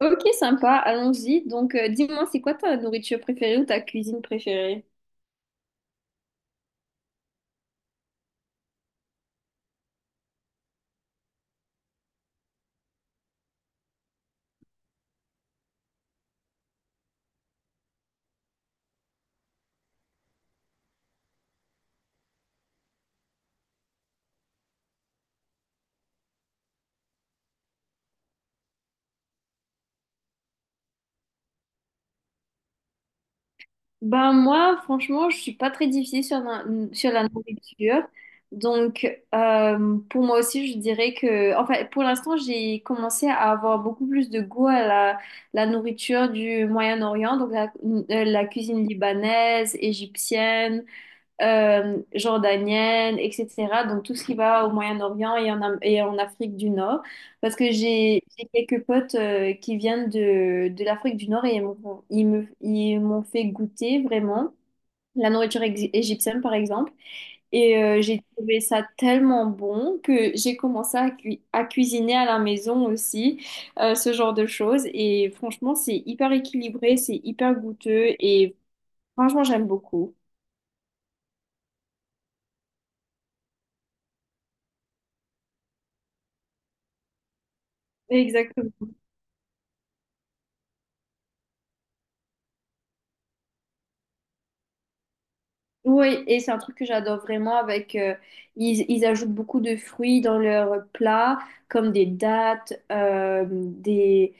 Ok, sympa, allons-y. Donc, dis-moi, c'est quoi ta nourriture préférée ou ta cuisine préférée? Ben moi, franchement, je suis pas très difficile sur la nourriture. Donc, pour moi aussi, je dirais que, enfin, pour l'instant, j'ai commencé à avoir beaucoup plus de goût à la nourriture du Moyen-Orient, donc la cuisine libanaise, égyptienne. Jordanienne, etc. Donc tout ce qui va au Moyen-Orient et en, en Afrique du Nord. Parce que j'ai quelques potes qui viennent de l'Afrique du Nord et ils m'ont fait goûter vraiment la nourriture égyptienne, par exemple. Et j'ai trouvé ça tellement bon que j'ai commencé à cuisiner à la maison aussi, ce genre de choses. Et franchement, c'est hyper équilibré, c'est hyper goûteux et franchement, j'aime beaucoup. Exactement. Oui, et c'est un truc que j'adore vraiment avec ils, ils ajoutent beaucoup de fruits dans leurs plats, comme des dattes, des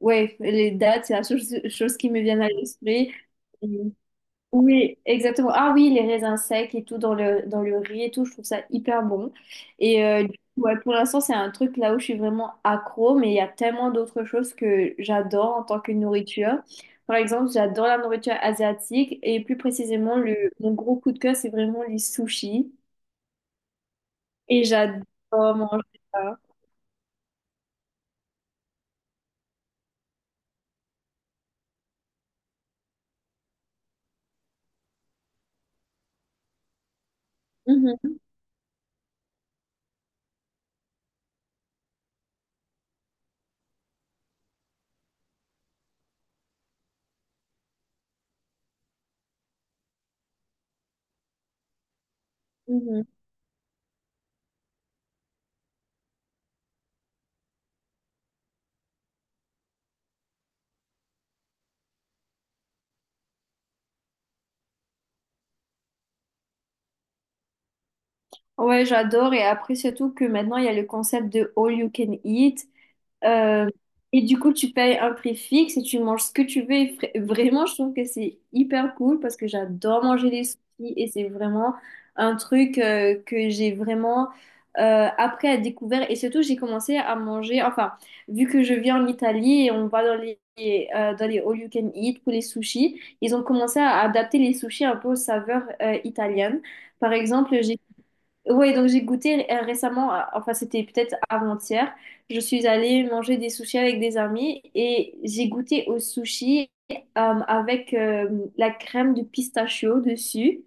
ouais, les dattes, c'est la chose qui me vient à l'esprit. Oui, exactement. Ah oui, les raisins secs et tout dans le riz et tout, je trouve ça hyper bon. Et du coup, ouais, pour l'instant, c'est un truc là où je suis vraiment accro, mais il y a tellement d'autres choses que j'adore en tant que nourriture. Par exemple, j'adore la nourriture asiatique et plus précisément, mon gros coup de cœur, c'est vraiment les sushis. Et j'adore manger ça. Mhm, mhm. Ouais, j'adore. Et après, surtout que maintenant, il y a le concept de all you can eat. Euh, et du coup, tu payes un prix fixe et tu manges ce que tu veux. Et vraiment, je trouve que c'est hyper cool parce que j'adore manger les sushis et c'est vraiment un truc que j'ai vraiment appris à découvrir. Et surtout, j'ai commencé à manger, enfin, vu que je vis en Italie et on va dans les all you can eat pour les sushis, ils ont commencé à adapter les sushis un peu aux saveurs italiennes. Par exemple, j'ai oui, donc j'ai goûté récemment, enfin c'était peut-être avant-hier, je suis allée manger des sushis avec des amis et j'ai goûté au sushi avec la crème de pistachio dessus.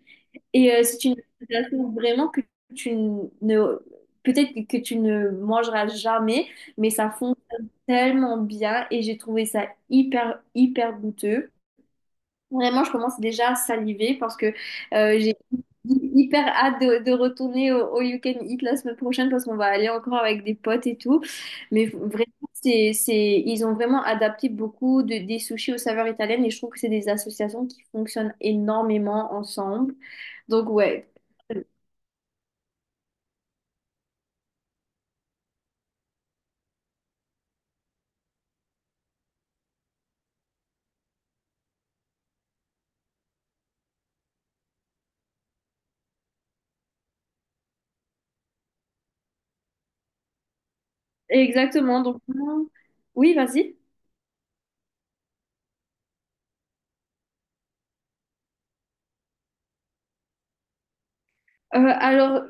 Et c'est une sensation vraiment que tu ne, peut-être que tu ne mangeras jamais, mais ça fonctionne tellement bien et j'ai trouvé ça hyper, hyper goûteux. Vraiment, je commence déjà à saliver parce que j'ai hyper hâte de retourner au You Can Eat la semaine prochaine parce qu'on va aller encore avec des potes et tout. Mais vraiment, ils ont vraiment adapté beaucoup des sushis aux saveurs italiennes et je trouve que c'est des associations qui fonctionnent énormément ensemble. Donc, ouais, exactement. Oui, vas-y. Alors,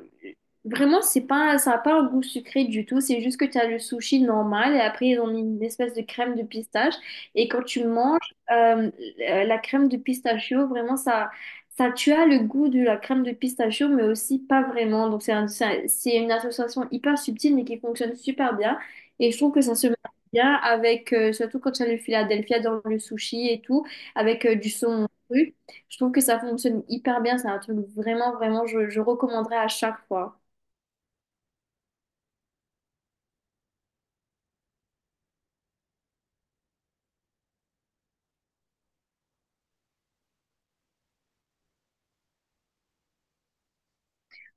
vraiment, c'est pas, ça n'a pas un goût sucré du tout. C'est juste que tu as le sushi normal et après, ils ont mis une espèce de crème de pistache. Et quand tu manges euh, la crème de pistachio, vraiment, tu as le goût de la crème de pistachio, mais aussi pas vraiment. Donc, c'est une association hyper subtile, mais qui fonctionne super bien. Et je trouve que ça se marie bien avec, surtout quand tu as le Philadelphia dans le sushi et tout, avec du saumon cru. Je trouve que ça fonctionne hyper bien. C'est un truc vraiment, vraiment, je recommanderais à chaque fois.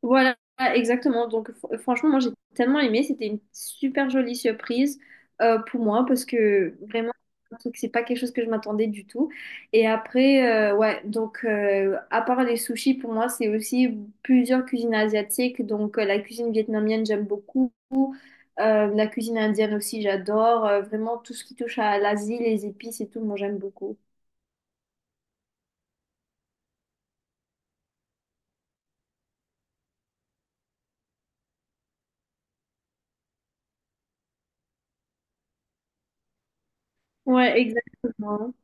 Voilà, exactement. Franchement, moi, j'ai tellement aimé. C'était une super jolie surprise pour moi parce que vraiment, un truc, c'est pas quelque chose que je m'attendais du tout. Et après, à part les sushis, pour moi, c'est aussi plusieurs cuisines asiatiques. Donc, la cuisine vietnamienne, j'aime beaucoup. La cuisine indienne aussi, j'adore. Vraiment, tout ce qui touche à l'Asie, les épices et tout, moi, j'aime beaucoup. Ouais, exactement.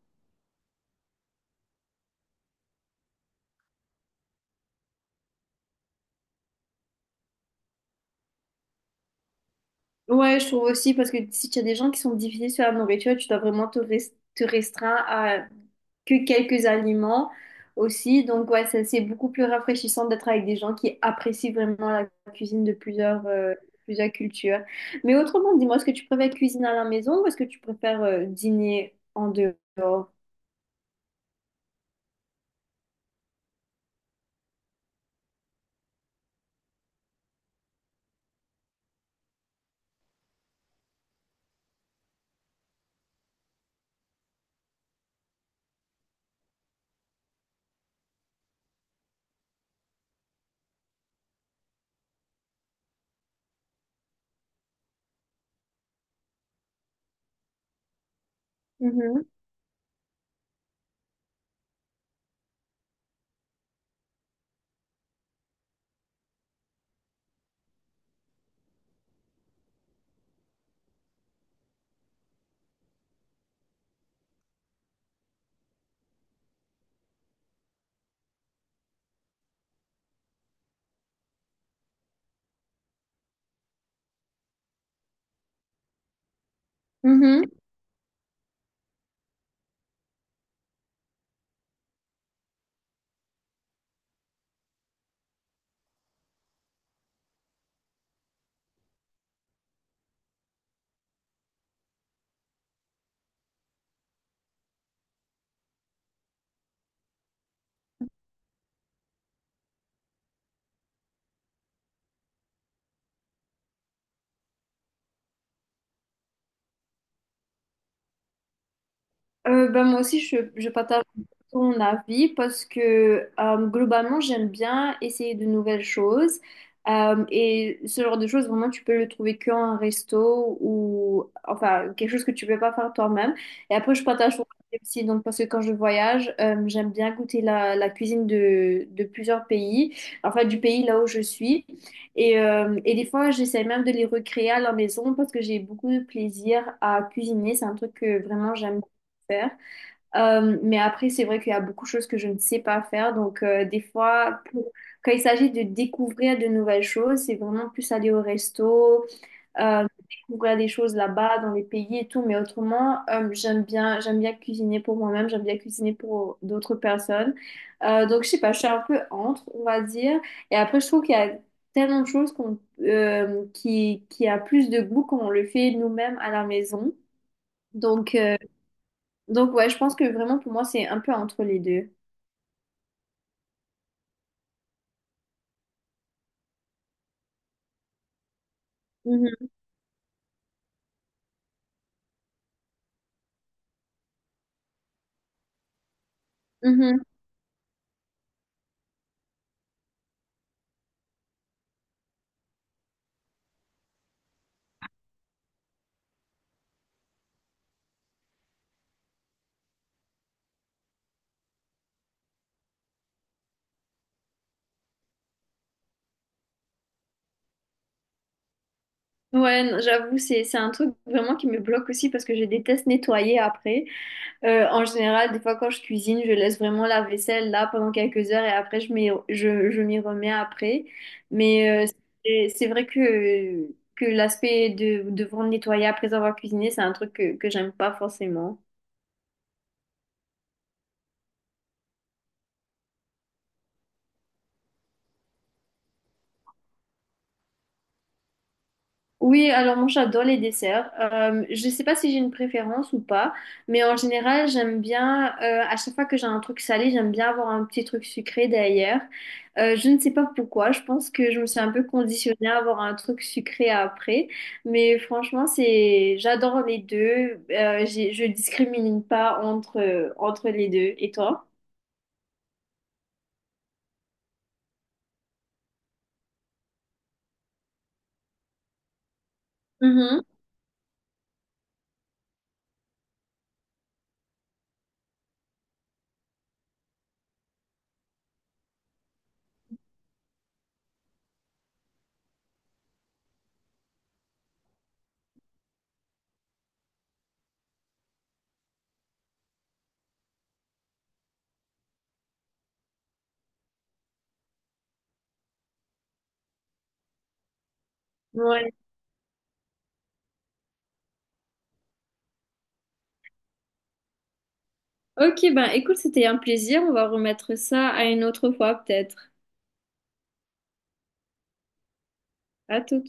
Ouais, je trouve aussi, parce que si tu as des gens qui sont difficiles sur la nourriture, tu dois vraiment te restreindre à que quelques aliments aussi. Donc, ouais, ça, c'est beaucoup plus rafraîchissant d'être avec des gens qui apprécient vraiment la cuisine de plusieurs cultures. Mais autrement, dis-moi, est-ce que tu préfères cuisiner à la maison ou est-ce que tu préfères dîner en dehors? Mhm. Mhm. Ben, moi aussi, je partage ton avis parce que globalement, j'aime bien essayer de nouvelles choses. Et ce genre de choses, vraiment, tu peux le trouver qu'en resto ou enfin quelque chose que tu peux pas faire toi-même. Et après, je partage ton avis aussi, donc, parce que quand je voyage, j'aime bien goûter la cuisine de plusieurs pays, enfin du pays là où je suis. Et des fois, j'essaie même de les recréer à la maison parce que j'ai beaucoup de plaisir à cuisiner. C'est un truc que vraiment j'aime faire. Mais après, c'est vrai qu'il y a beaucoup de choses que je ne sais pas faire. Donc, des fois, quand il s'agit de découvrir de nouvelles choses, c'est vraiment plus aller au resto, découvrir des choses là-bas, dans les pays et tout. Mais autrement, j'aime bien cuisiner pour moi-même, j'aime bien cuisiner pour d'autres personnes. Donc, je sais pas, je suis un peu entre, on va dire. Et après, je trouve qu'il y a tellement de choses qui a plus de goût quand on le fait nous-mêmes à la maison. Donc, euh, donc ouais, je pense que vraiment pour moi c'est un peu entre les deux. Mhm, mhm. Ouais, non, j'avoue, c'est un truc vraiment qui me bloque aussi parce que je déteste nettoyer après. En général, des fois quand je cuisine, je laisse vraiment la vaisselle là pendant quelques heures et après je m'y remets après. Mais c'est vrai que l'aspect de devoir nettoyer après avoir cuisiné, c'est un truc que j'aime pas forcément. Oui, alors moi j'adore les desserts. Je sais pas si j'ai une préférence ou pas, mais en général j'aime bien, à chaque fois que j'ai un truc salé, j'aime bien avoir un petit truc sucré derrière. Je ne sais pas pourquoi, je pense que je me suis un peu conditionnée à avoir un truc sucré après, mais franchement j'adore les deux. Je discrimine pas entre, entre les deux. Et toi? Mhm. Ouais. Ok, ben écoute, c'était un plaisir. On va remettre ça à une autre fois peut-être. À tout.